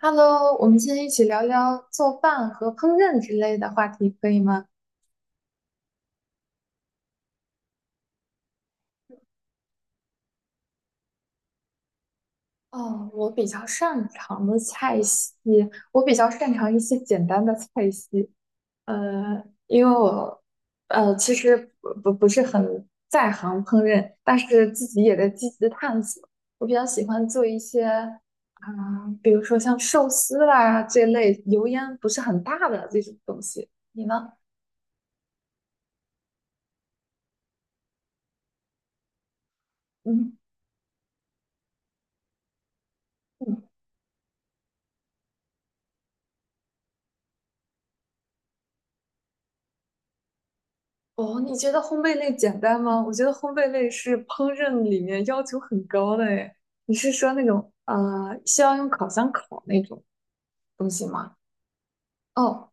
Hello，我们今天一起聊聊做饭和烹饪之类的话题，可以吗？哦，我比较擅长的菜系，我比较擅长一些简单的菜系。因为我其实不是很在行烹饪，但是自己也在积极探索。我比较喜欢做一些啊、比如说像寿司啦这类油烟不是很大的这种东西。你呢？嗯嗯。哦，你觉得烘焙类简单吗？我觉得烘焙类是烹饪里面要求很高的诶。你是说那种需要用烤箱烤那种东西吗？哦，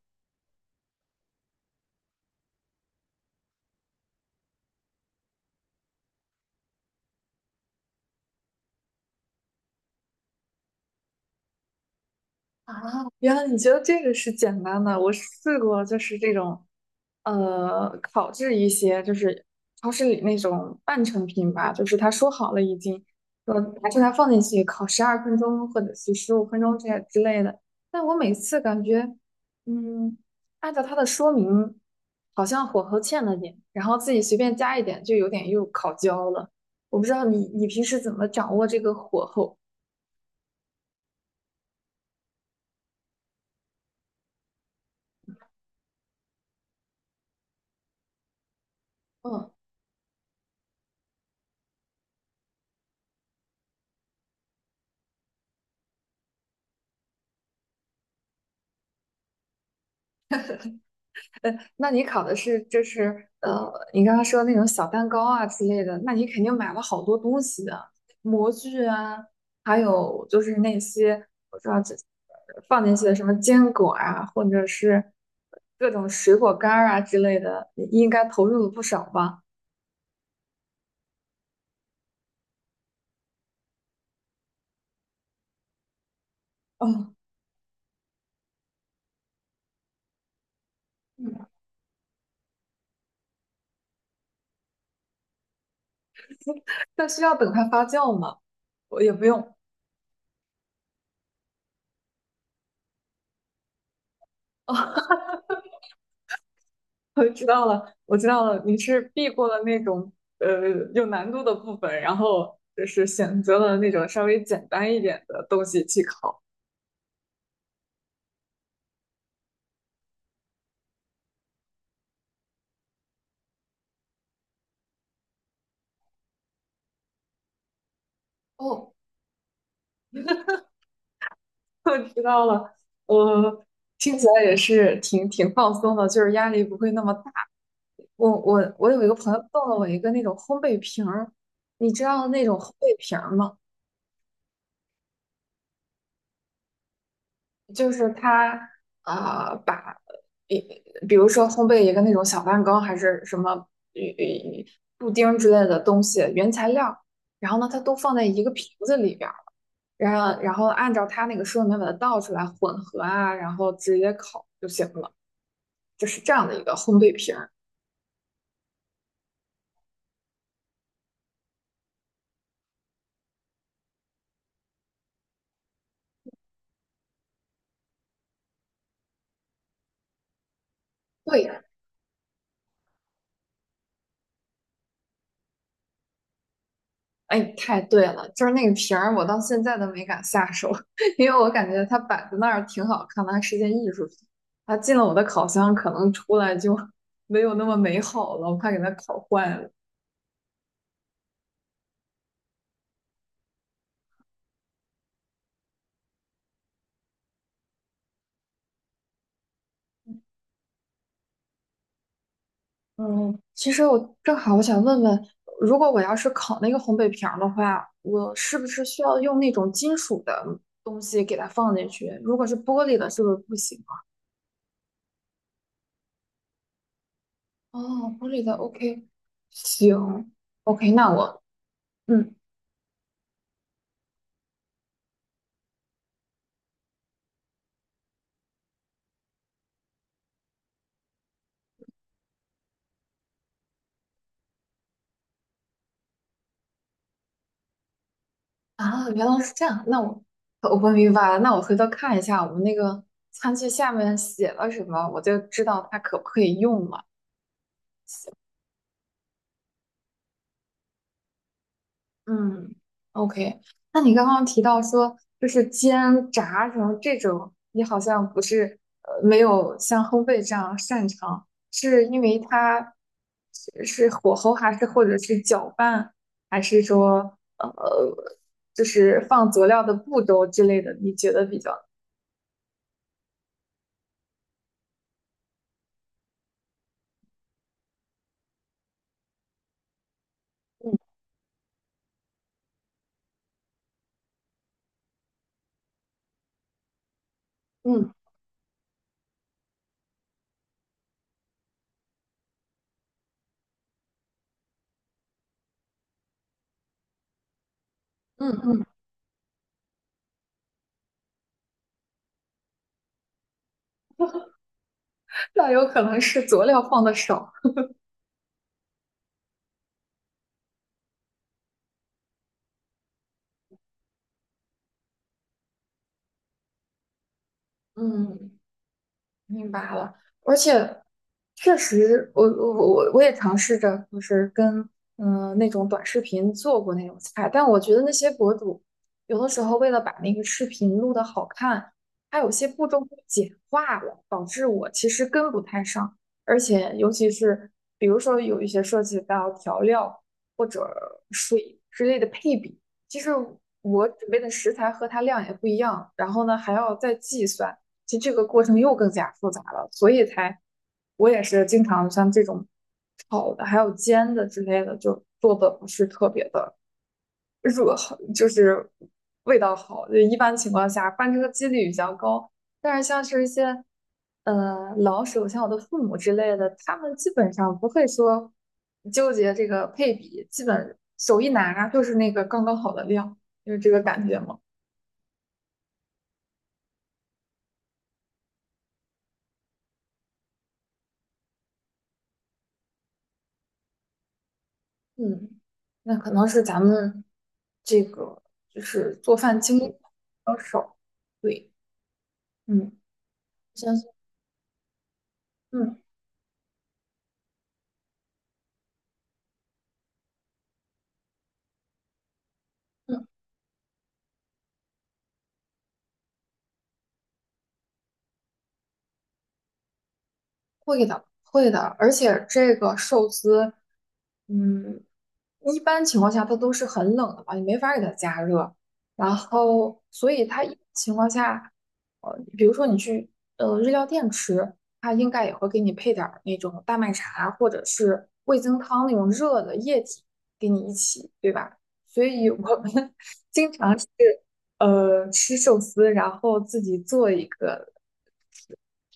啊，原来你觉得这个是简单的。我试过，就是这种，烤制一些，就是超市里那种半成品吧，就是他说好了已经，说拿出来放进去烤12分钟或者是15分钟这样之类的。但我每次感觉，嗯，按照他的说明，好像火候欠了点，然后自己随便加一点，就有点又烤焦了。我不知道你平时怎么掌握这个火候？嗯。呃，那你烤的是就是你刚刚说那种小蛋糕啊之类的，那你肯定买了好多东西的，模具啊，还有就是那些我知道这放进去的什么坚果啊，或者是各种水果干儿啊之类的，你应该投入了不少吧？哦，嗯那需要等它发酵吗？我也不用。我知道了，我知道了，你是避过了那种呃有难度的部分，然后就是选择了那种稍微简单一点的东西去考。哦，我知道了，我听起来也是挺放松的，就是压力不会那么大。我有一个朋友送了我一个那种烘焙瓶儿，你知道那种烘焙瓶儿吗？就是它把比比如说烘焙一个那种小蛋糕还是什么呃布丁之类的东西原材料，然后呢它都放在一个瓶子里边儿，然后按照它那个说明把它倒出来混合啊，然后直接烤就行了，就是这样的一个烘焙瓶儿。对哎，太对了，就是那个瓶儿，我到现在都没敢下手，因为我感觉它摆在那儿挺好看的，它是件艺术品。它进了我的烤箱，可能出来就 没有那么美好了，我怕给它烤坏了。嗯，其实我正好我想问问，如果我要是烤那个烘焙瓶儿的话，我是不是需要用那种金属的东西给它放进去？如果是玻璃的，是不是不行啊？哦，玻璃的，OK，行，OK，那我嗯。啊，原来是这样。那我明白了。那我回头看一下我们那个餐具下面写了什么，我就知道它可不可以用了。嗯，OK。那你刚刚提到说，就是煎、炸什么这种，你好像不是没有像烘焙这样擅长，是因为它是火候，还是或者是搅拌，还是说就是放佐料的步骤之类的，你觉得比较？嗯嗯嗯嗯那有可能是佐料放的少。嗯，明白了，而且确实，我也尝试着，就是跟那种短视频做过那种菜，但我觉得那些博主有的时候为了把那个视频录的好看，它有些步骤会简化了，导致我其实跟不太上，而且尤其是比如说有一些涉及到调料或者水之类的配比，其实我准备的食材和它量也不一样，然后呢还要再计算。其实这个过程又更加复杂了，所以才我也是经常像这种炒的，还有煎的之类的，就做的不是特别的热，就是味道好。就一般情况下翻车几率比较高，但是像是一些老手，像我的父母之类的，他们基本上不会说纠结这个配比，基本手一拿就是那个刚刚好的量，就是这个感觉嘛。嗯，那可能是咱们这个就是做饭经验比较少。对，嗯，相信，嗯嗯。会的，会的，而且这个寿司，嗯，一般情况下它都是很冷的嘛，你没法给它加热，然后所以它一般情况下，比如说你去日料店吃，它应该也会给你配点儿那种大麦茶或者是味增汤那种热的液体给你一起，对吧？所以我们 经常是。吃寿司，然后自己做一个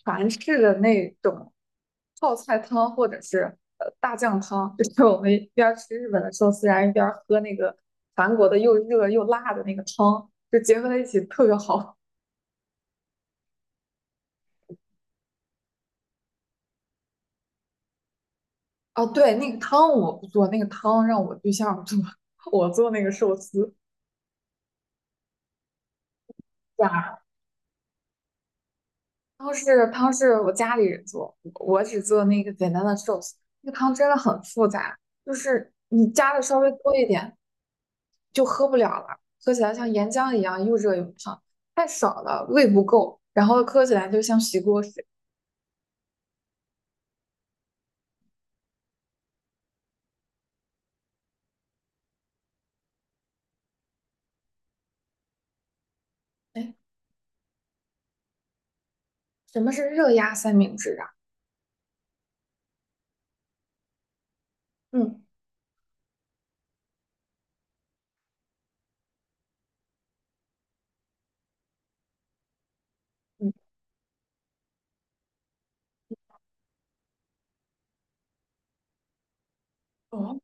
韩式的那种泡菜汤，或者是大酱汤，就是我们一边儿吃日本的寿司，然后一边儿喝那个韩国的又热又辣的那个汤，就结合在一起特别好。哦，对，那个汤我不做，那个汤让我对象做，我做那个寿司。汤是我家里人做，我只做那个简单的寿司。那个汤真的很复杂，就是你加的稍微多一点就喝不了了，喝起来像岩浆一样又热又烫，太少了胃不够，然后喝起来就像洗锅水。哎，什么是热压三明治啊？嗯嗯，哦，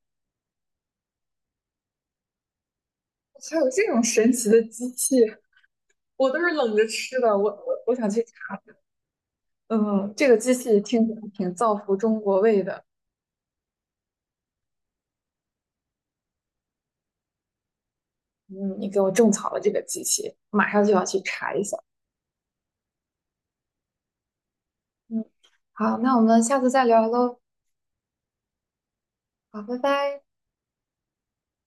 还有这种神奇的机器，我都是冷着吃的。我想去查，嗯，这个机器听起来挺造福中国胃的。嗯，你给我种草了这个机器，马上就要去查一下。嗯，好，那我们下次再聊喽。好，拜拜。